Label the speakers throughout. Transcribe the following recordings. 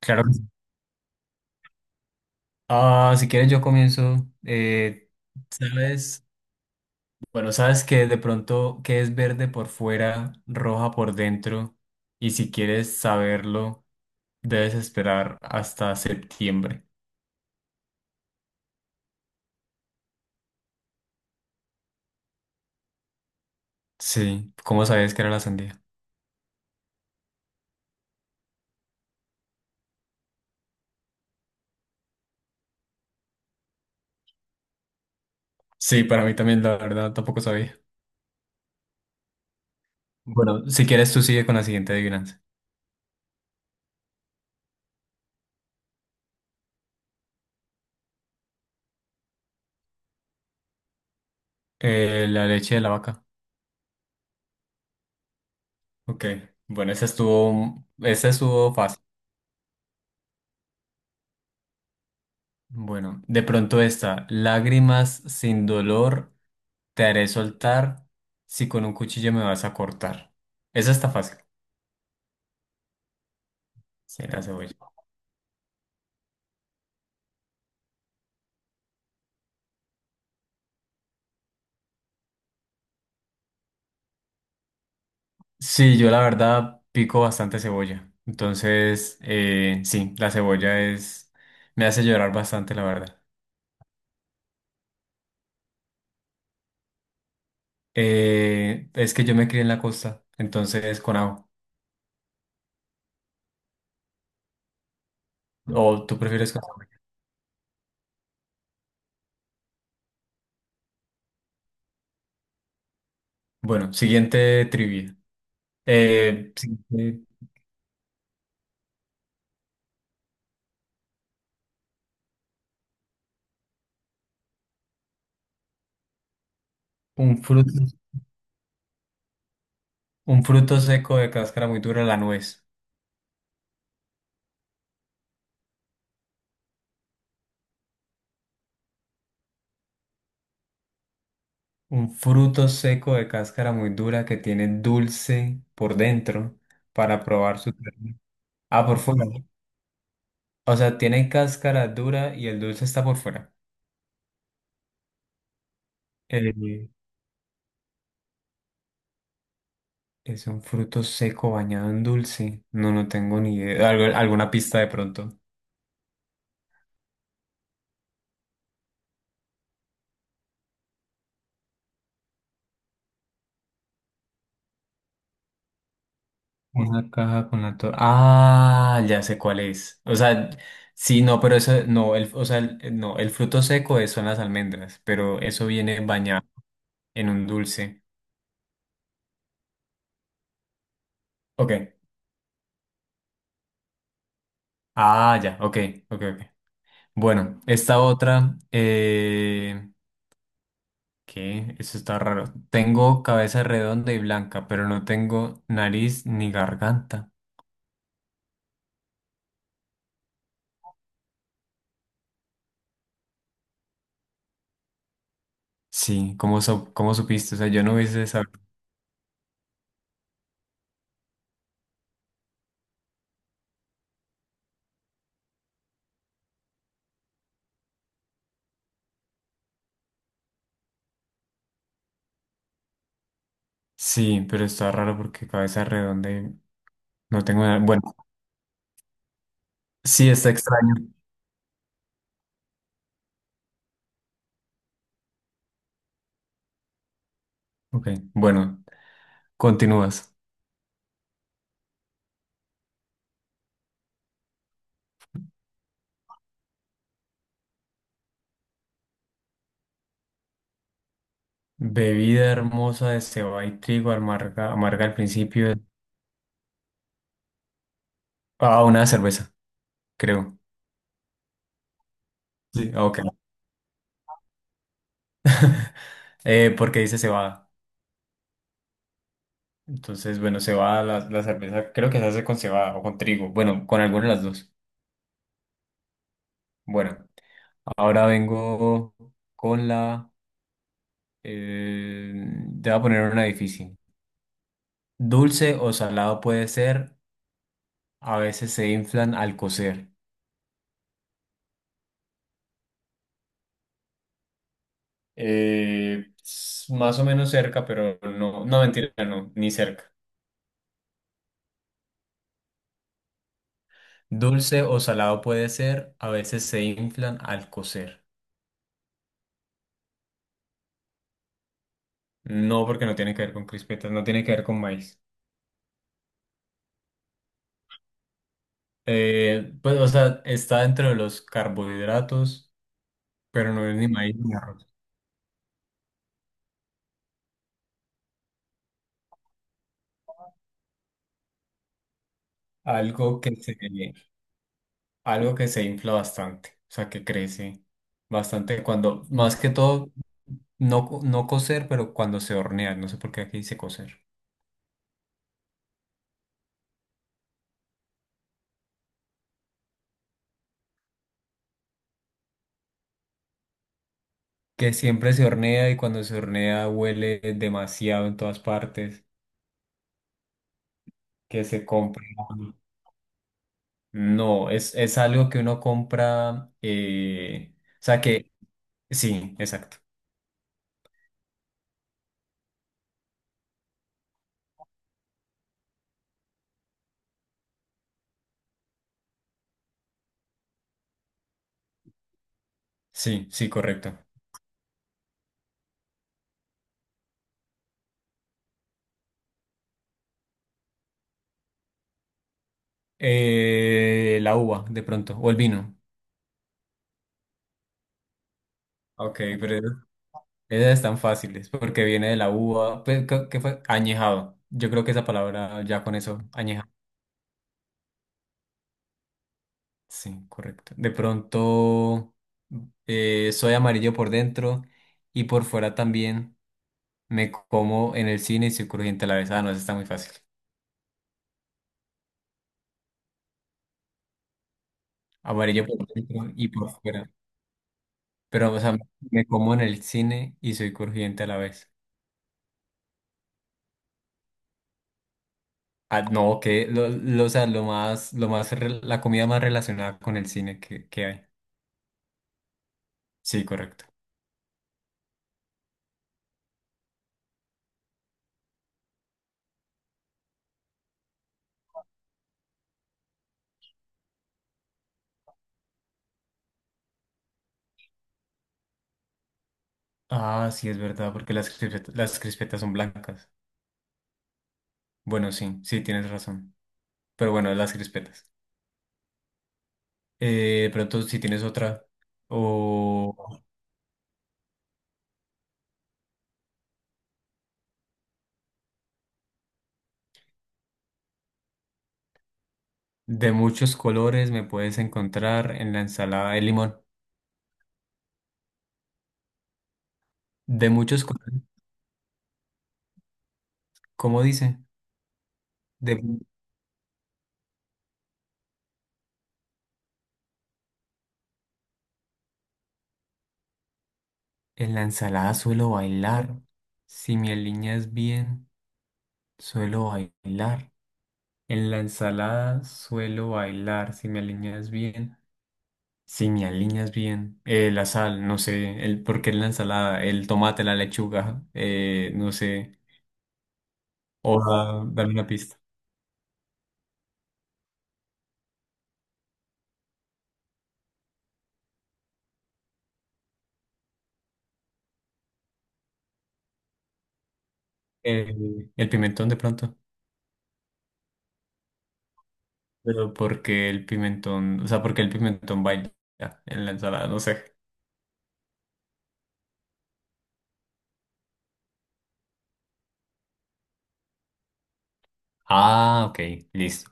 Speaker 1: Claro. Que sí. Ah, si quieres yo comienzo. ¿Sabes? Bueno, sabes que de pronto que es verde por fuera, roja por dentro, y si quieres saberlo, debes esperar hasta septiembre. Sí, ¿cómo sabías que era la sandía? Sí, para mí también, la verdad, tampoco sabía. Bueno, si quieres tú sigue con la siguiente adivinanza. La leche de la vaca. Ok, bueno, esa estuvo fácil. Bueno, de pronto esta, lágrimas sin dolor. Te haré soltar si con un cuchillo me vas a cortar. Esa está fácil. Sí, la cebolla. Sí, yo la verdad pico bastante cebolla. Entonces, sí, la cebolla es... me hace llorar bastante, la verdad. Es que yo me crié en la costa, entonces con ajo. ¿O tú prefieres con ajo? Bueno, siguiente trivia. Eh, siguiente, un fruto, un fruto seco de cáscara muy dura, la nuez. Un fruto seco de cáscara muy dura que tiene dulce por dentro para probar su ternura. Ah, por fuera. O sea, tiene cáscara dura y el dulce está por fuera. Eh, es un fruto seco bañado en dulce. No, no tengo ni idea. Alguna pista de pronto. Una caja con la torre. Ah, ya sé cuál es. O sea, sí, no, pero eso, no, o sea, no, el fruto seco son las almendras, pero eso viene bañado en un dulce. Ok. Ah, ya, ok, ok. Bueno, esta otra, ¿qué? Eso está raro. Tengo cabeza redonda y blanca, pero no tengo nariz ni garganta. Sí, ¿cómo supiste? O sea, yo no hubiese sabido. Sí, pero está raro porque cabeza redonda y no tengo nada. Bueno, sí, está extraño. Ok, bueno, continúas. Bebida hermosa de cebada y trigo, amarga al principio. Ah, una cerveza, creo. Sí, ok. Porque dice cebada. Entonces, bueno, cebada, la cerveza creo que se hace con cebada o con trigo. Bueno, con alguna de las dos. Bueno, ahora vengo con la... eh, te voy a poner una difícil. Dulce o salado puede ser, a veces se inflan al cocer. Más o menos cerca, pero no, no mentira, no, ni cerca. Dulce o salado puede ser, a veces se inflan al cocer. No, porque no tiene que ver con crispetas, no tiene que ver con maíz. Pues, o sea, está dentro de los carbohidratos, pero no es ni maíz ni arroz. Algo que se, algo que se infla bastante, o sea, que crece bastante cuando, más que todo, no, no cocer, pero cuando se hornea, no sé por qué aquí dice cocer. Que siempre se hornea y cuando se hornea huele demasiado en todas partes, que se compra. No, es algo que uno compra, o sea, que sí, exacto. Sí, sí, correcto. La uva, de pronto, o el vino. Ok, pero esas están fáciles, porque viene de la uva, pues, ¿qué qué fue? Añejado. Yo creo que esa palabra ya con eso, añejado. Sí, correcto. De pronto, soy amarillo por dentro y por fuera también. Me como en el cine y soy crujiente a la vez. Ah, no, eso está muy fácil. Amarillo por dentro y por fuera. Pero, o sea, me como en el cine y soy crujiente a la vez. Ah, no, que o sea, la comida más relacionada con el cine que hay. Sí, correcto. Ah, sí, es verdad, porque las crispetas son blancas. Bueno, sí, sí, tienes razón. Pero bueno, las crispetas. Pronto, si tienes otra o de muchos colores, me puedes encontrar en la ensalada de limón. De muchos colores, ¿cómo dice? De, en la ensalada suelo bailar. Si me alineas bien, suelo bailar. En la ensalada suelo bailar, si me alineas bien. Si me alineas bien. La sal, no sé. El, ¿por qué en la ensalada? El tomate, la lechuga, no sé. Dame una pista. Eh, el pimentón de pronto. Pero porque el pimentón, o sea, porque el pimentón baila en la ensalada, no sé. Ah, ok, listo.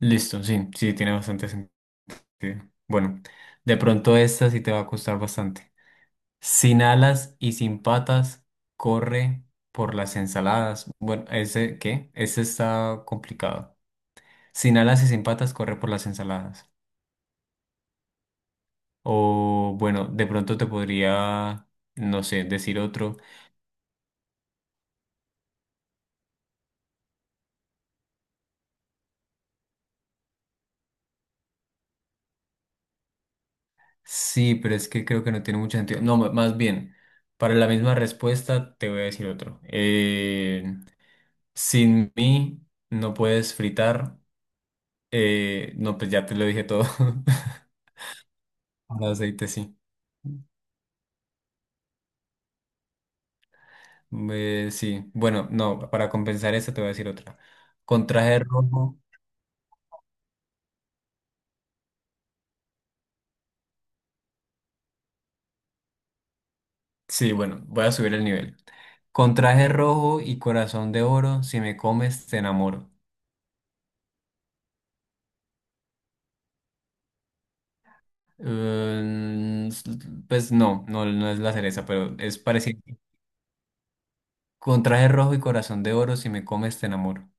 Speaker 1: Listo, sí, sí, tiene bastante sentido. Bueno, de pronto esta sí te va a costar bastante. Sin alas y sin patas, corre por las ensaladas. Bueno, ese, ¿qué? Ese está complicado. Sin alas y sin patas, corre por las ensaladas. O bueno, de pronto te podría, no sé, decir otro. Sí, pero es que creo que no tiene mucho sentido. No, más bien, para la misma respuesta te voy a decir otro. Sin mí no puedes fritar. No, pues ya te lo dije todo. Con aceite, sí. Sí, bueno, no, para compensar esta te voy a decir otra. Con traje rojo, sí, bueno, voy a subir el nivel. Con traje rojo y corazón de oro, si me comes, te enamoro. Mm, s- pues no, no, no es la cereza, pero es parecido. Con traje rojo y corazón de oro, si me comes, te enamoro.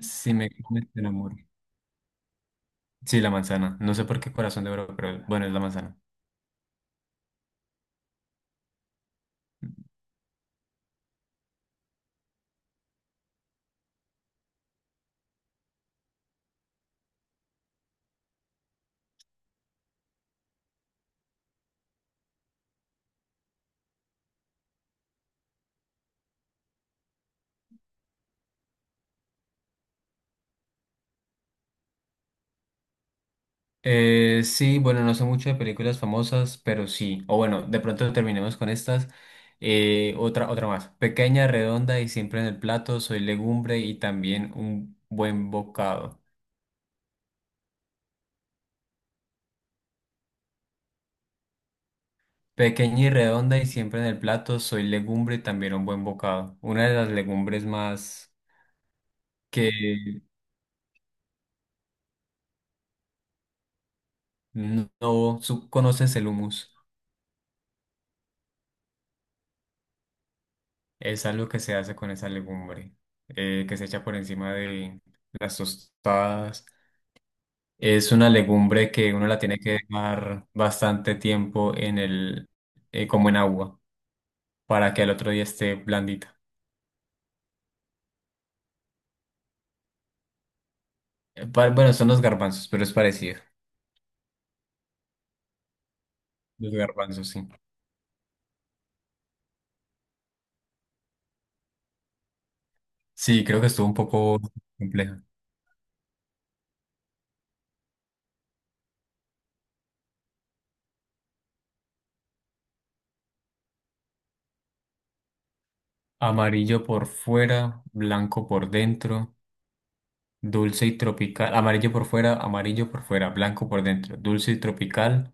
Speaker 1: Si me comes, te enamoro. Sí, la manzana. No sé por qué corazón de oro, pero bueno, es la manzana. Sí, bueno, no sé mucho de películas famosas, pero sí. O bueno, de pronto terminemos con estas. Otra más. Pequeña, redonda y siempre en el plato. Soy legumbre y también un buen bocado. Pequeña y redonda y siempre en el plato. Soy legumbre y también un buen bocado. Una de las legumbres más que no, conoces el humus. Es algo que se hace con esa legumbre, que se echa por encima de las tostadas. Es una legumbre que uno la tiene que dejar bastante tiempo en el, como en agua, para que al otro día esté blandita. Bueno, son los garbanzos, pero es parecido. Los garbanzos, sí. Sí, creo que estuvo un poco compleja. Amarillo por fuera, blanco por dentro, dulce y tropical. Amarillo por fuera, blanco por dentro, dulce y tropical.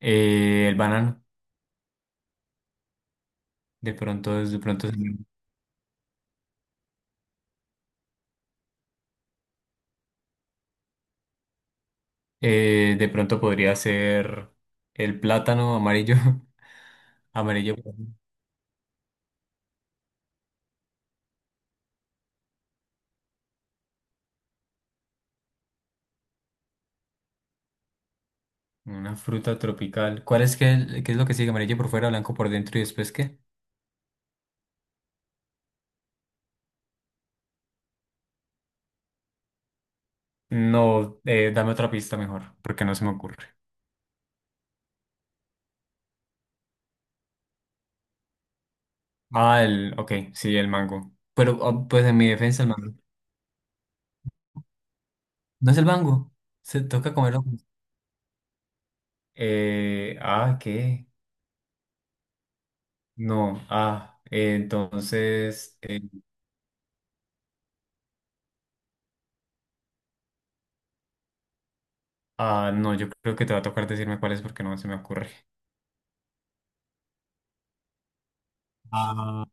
Speaker 1: El banano, de pronto, de pronto podría ser el plátano amarillo. Amarillo, por- una fruta tropical. ¿Cuál es que, qué es lo que sigue? Amarillo por fuera, blanco por dentro y después qué? No, dame otra pista mejor, porque no se me ocurre. Ok, sí, el mango. Pero ah, pues en mi defensa el mango. No es el mango, se toca comerlo. ¿Qué? No, ah, no, yo creo que te va a tocar decirme cuál es porque no se me ocurre. Ah,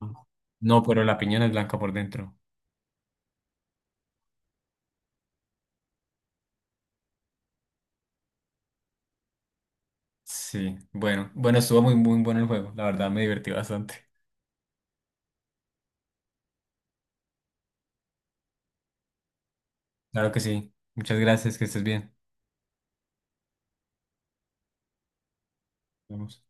Speaker 1: no, pero la piña no es blanca por dentro. Sí, bueno, bueno, estuvo muy bueno el juego. La verdad me divertí bastante. Claro que sí. Muchas gracias, que estés bien. Nos vemos.